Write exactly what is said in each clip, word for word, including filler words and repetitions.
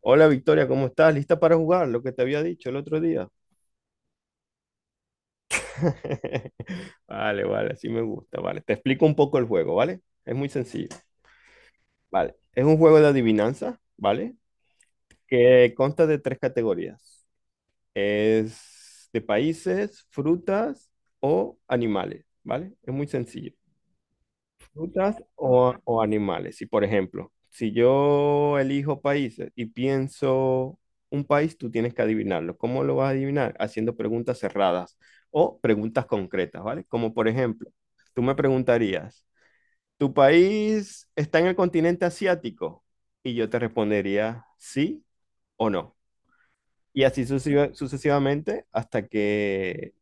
Hola Victoria, ¿cómo estás? ¿Lista para jugar? Lo que te había dicho el otro día. Vale, vale, así me gusta, vale. Te explico un poco el juego, ¿vale? Es muy sencillo, ¿vale? Es un juego de adivinanza, ¿vale? Que consta de tres categorías. Es de países, frutas o animales, ¿vale? Es muy sencillo. Frutas o, o animales. Y por ejemplo, si yo elijo países y pienso un país, tú tienes que adivinarlo. ¿Cómo lo vas a adivinar? Haciendo preguntas cerradas o preguntas concretas, ¿vale? Como por ejemplo, tú me preguntarías, ¿tu país está en el continente asiático? Y yo te respondería sí o no. Y así sucesiva- sucesivamente hasta que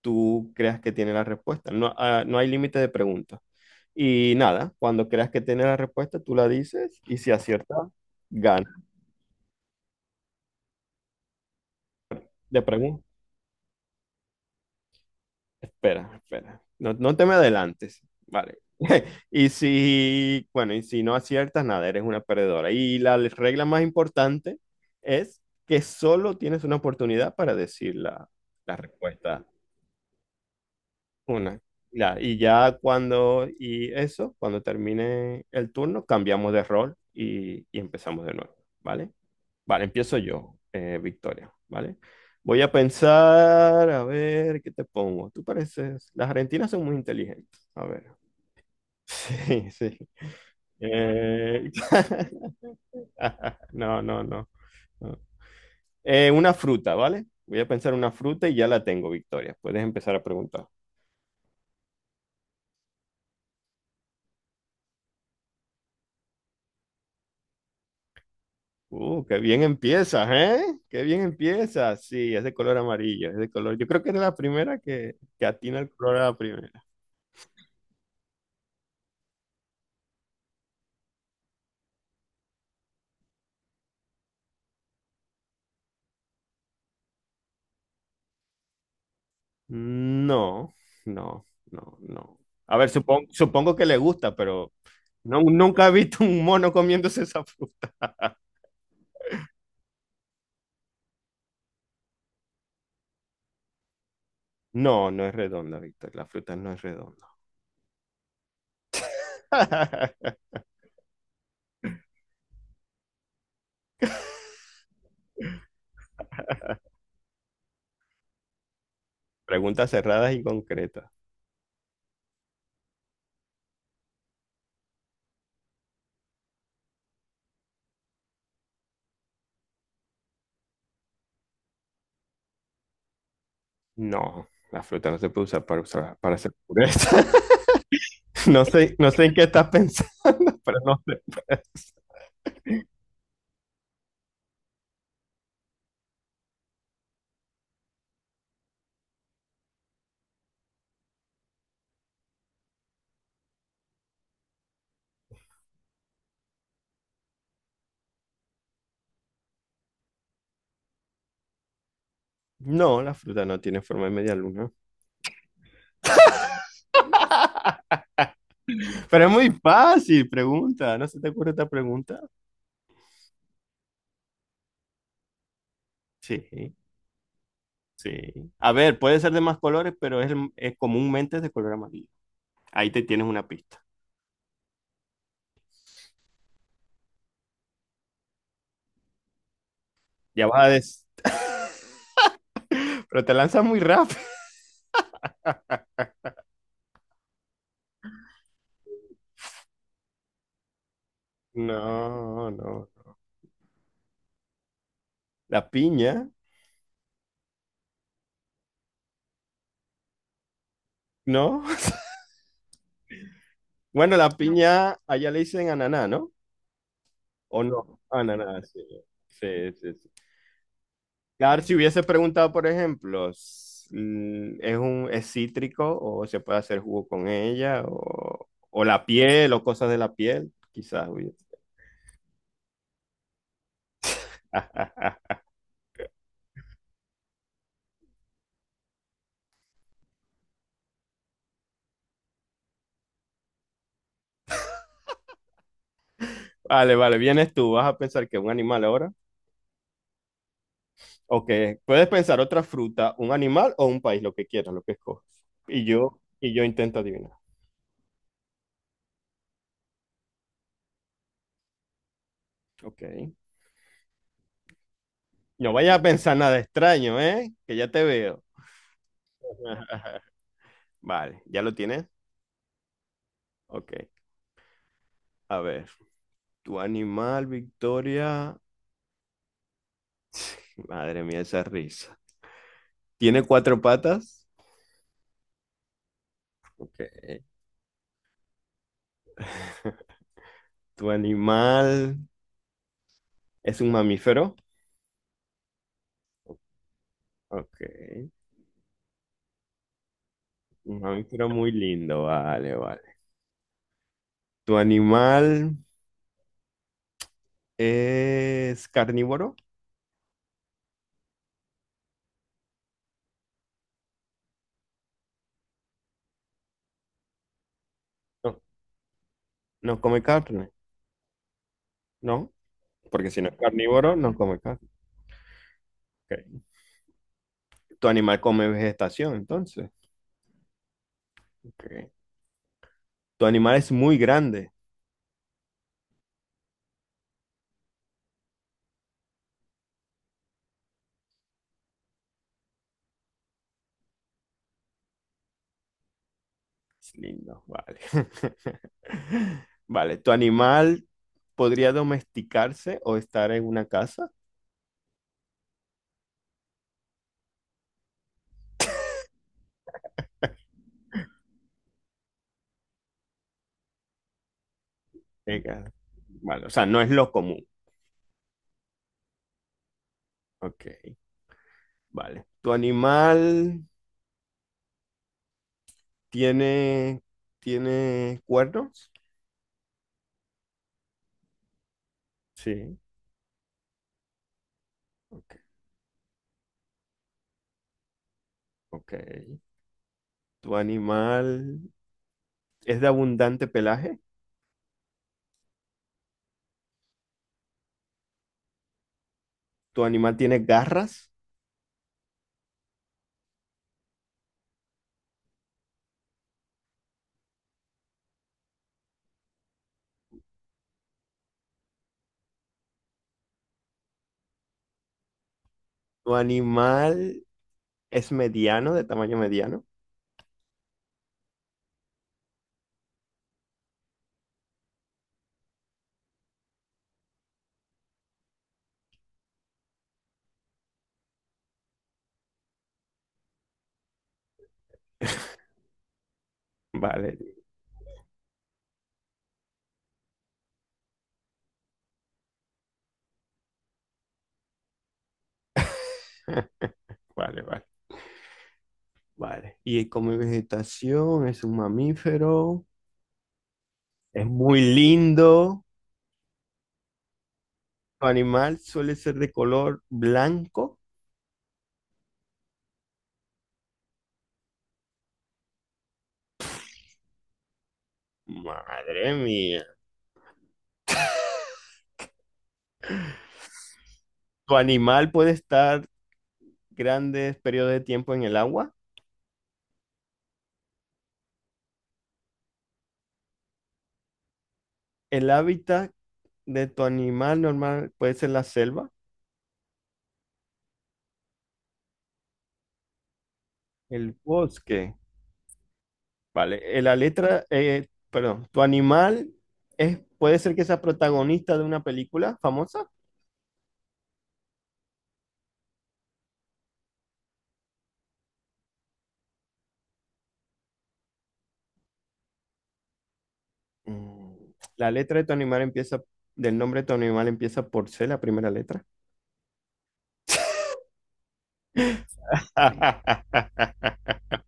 tú creas que tiene la respuesta. No, ah, no hay límite de preguntas. Y nada, cuando creas que tiene la respuesta, tú la dices y si acierta, gana. De pregunta. Espera, espera. No, no te me adelantes. Vale. Y si, bueno, y si no aciertas, nada, eres una perdedora. Y la regla más importante es que solo tienes una oportunidad para decir la, la respuesta. Una. Ya, y ya cuando, y eso, cuando termine el turno, cambiamos de rol y, y empezamos de nuevo, ¿vale? Vale, empiezo yo, eh, Victoria, ¿vale? Voy a pensar, a ver, ¿qué te pongo? Tú pareces, las argentinas son muy inteligentes, a ver. Sí, sí. Eh, No, no, no. No. Eh, una fruta, ¿vale? Voy a pensar una fruta y ya la tengo, Victoria. Puedes empezar a preguntar. Uh, qué bien empiezas, ¿eh? Qué bien empiezas. Sí, es de color amarillo, es de color. Yo creo que es la primera que, que atina el color a la primera. No, no, no, no. A ver, supongo, supongo que le gusta, pero no, nunca he visto un mono comiéndose esa fruta. No, no es redonda, Víctor. La fruta no es redonda. Preguntas cerradas y concretas. No, la fruta no se puede usar para, usar- para hacer pureza. No sé, no sé en qué estás pensando, pero no se puede. No, la fruta no tiene forma de media luna. Pero es muy fácil, pregunta. ¿No se te ocurre esta pregunta? Sí, sí. A ver, puede ser de más colores, pero es, el- es comúnmente de color amarillo. Ahí te tienes una pista. Ya vas a des, pero te lanzas muy rápido. No, no. La piña, ¿no? Bueno, la piña allá le dicen ananá, ¿no? ¿O no? Ananá, sí. Sí, sí, sí. Claro, si hubiese preguntado, por ejemplo, s- mm, ¿es un es cítrico o se puede hacer jugo con ella o, o la piel o cosas de la piel? Quizás hubiese. Vale, vale, vienes tú, vas a pensar que es un animal ahora o que puedes pensar otra fruta, un animal o un país, lo que quieras, lo que escoges. Y yo y yo intento adivinar. Ok. No vayas a pensar nada extraño, ¿eh? Que ya te veo. Vale, ¿ya lo tienes? Ok. A ver, tu animal, Victoria. Madre mía, esa risa. ¿Tiene cuatro patas? Ok. ¿Tu animal es un mamífero? Ok. Un mamífero muy lindo, vale, vale. ¿Tu animal es carnívoro? No, no come carne, ¿no? Porque si no es carnívoro, no come carne. Ok. ¿Tu animal come vegetación, entonces? Ok. ¿Tu animal es muy grande? Es lindo, vale. Vale, ¿tu animal podría domesticarse o estar en una casa? Venga. Vale, o sea, no es lo común. Ok, vale. ¿Tu animal tiene, tiene cuernos? Sí. Ok, ok. ¿Tu animal es de abundante pelaje? ¿Tu animal tiene garras? ¿Tu animal es mediano, de tamaño mediano? Vale, vale, vale. Vale. Y come vegetación, es un mamífero, es muy lindo. Su animal suele ser de color blanco. Madre mía. Tu animal puede estar grandes periodos de tiempo en el agua. El hábitat de tu animal normal puede ser la selva, el bosque. Vale, eh, la letra, eh, perdón, tu animal es, puede ser que sea protagonista de una película famosa. Mm, La letra de tu animal empieza, del nombre de tu animal empieza por C, la primera letra.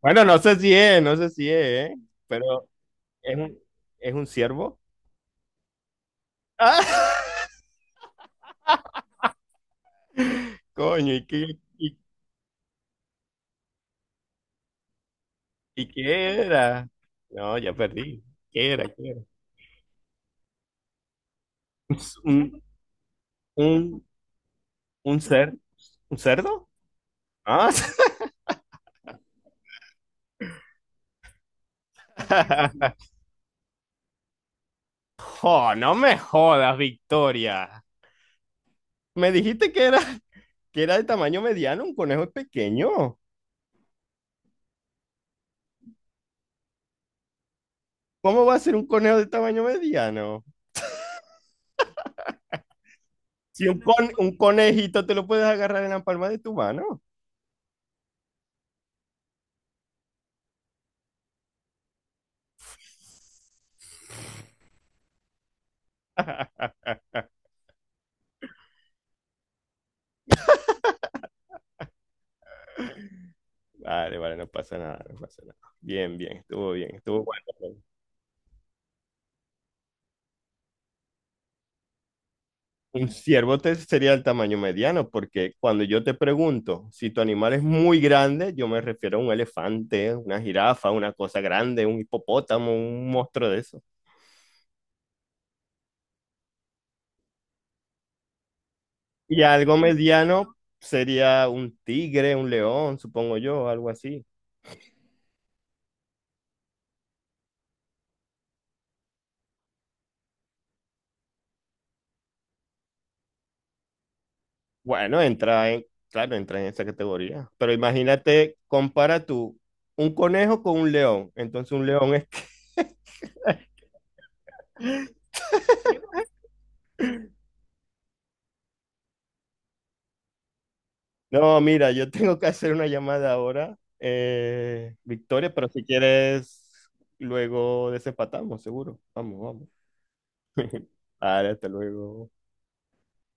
Bueno, no sé si es, no sé si es, ¿eh? Pero es un, es un ciervo. ¡Ah! Coño, ¿y qué, y, y qué era? No, ya perdí. ¿Qué era? ¿Qué era? ¿Un, un, un cer, un cerdo? Ah. Oh, no me jodas, Victoria. Me dijiste que era que era de tamaño mediano, un conejo es pequeño. ¿Cómo va a ser un conejo de tamaño mediano? Si un, con- un conejito te lo puedes agarrar en la palma de tu mano. Vale, vale, no pasa nada, no pasa nada. Bien, bien, estuvo bien, estuvo bueno. Un ciervo te sería el tamaño mediano, porque cuando yo te pregunto si tu animal es muy grande, yo me refiero a un elefante, una jirafa, una cosa grande, un hipopótamo, un monstruo de eso. Y algo mediano sería un tigre, un león, supongo yo, algo así. Bueno, entra en, claro, entra en esa categoría. Pero imagínate, compara tú un conejo con un león. Entonces un león es... No, mira, yo tengo que hacer una llamada ahora, eh, Victoria, pero si quieres, luego desempatamos, seguro. Vamos, vamos. Vale, hasta luego.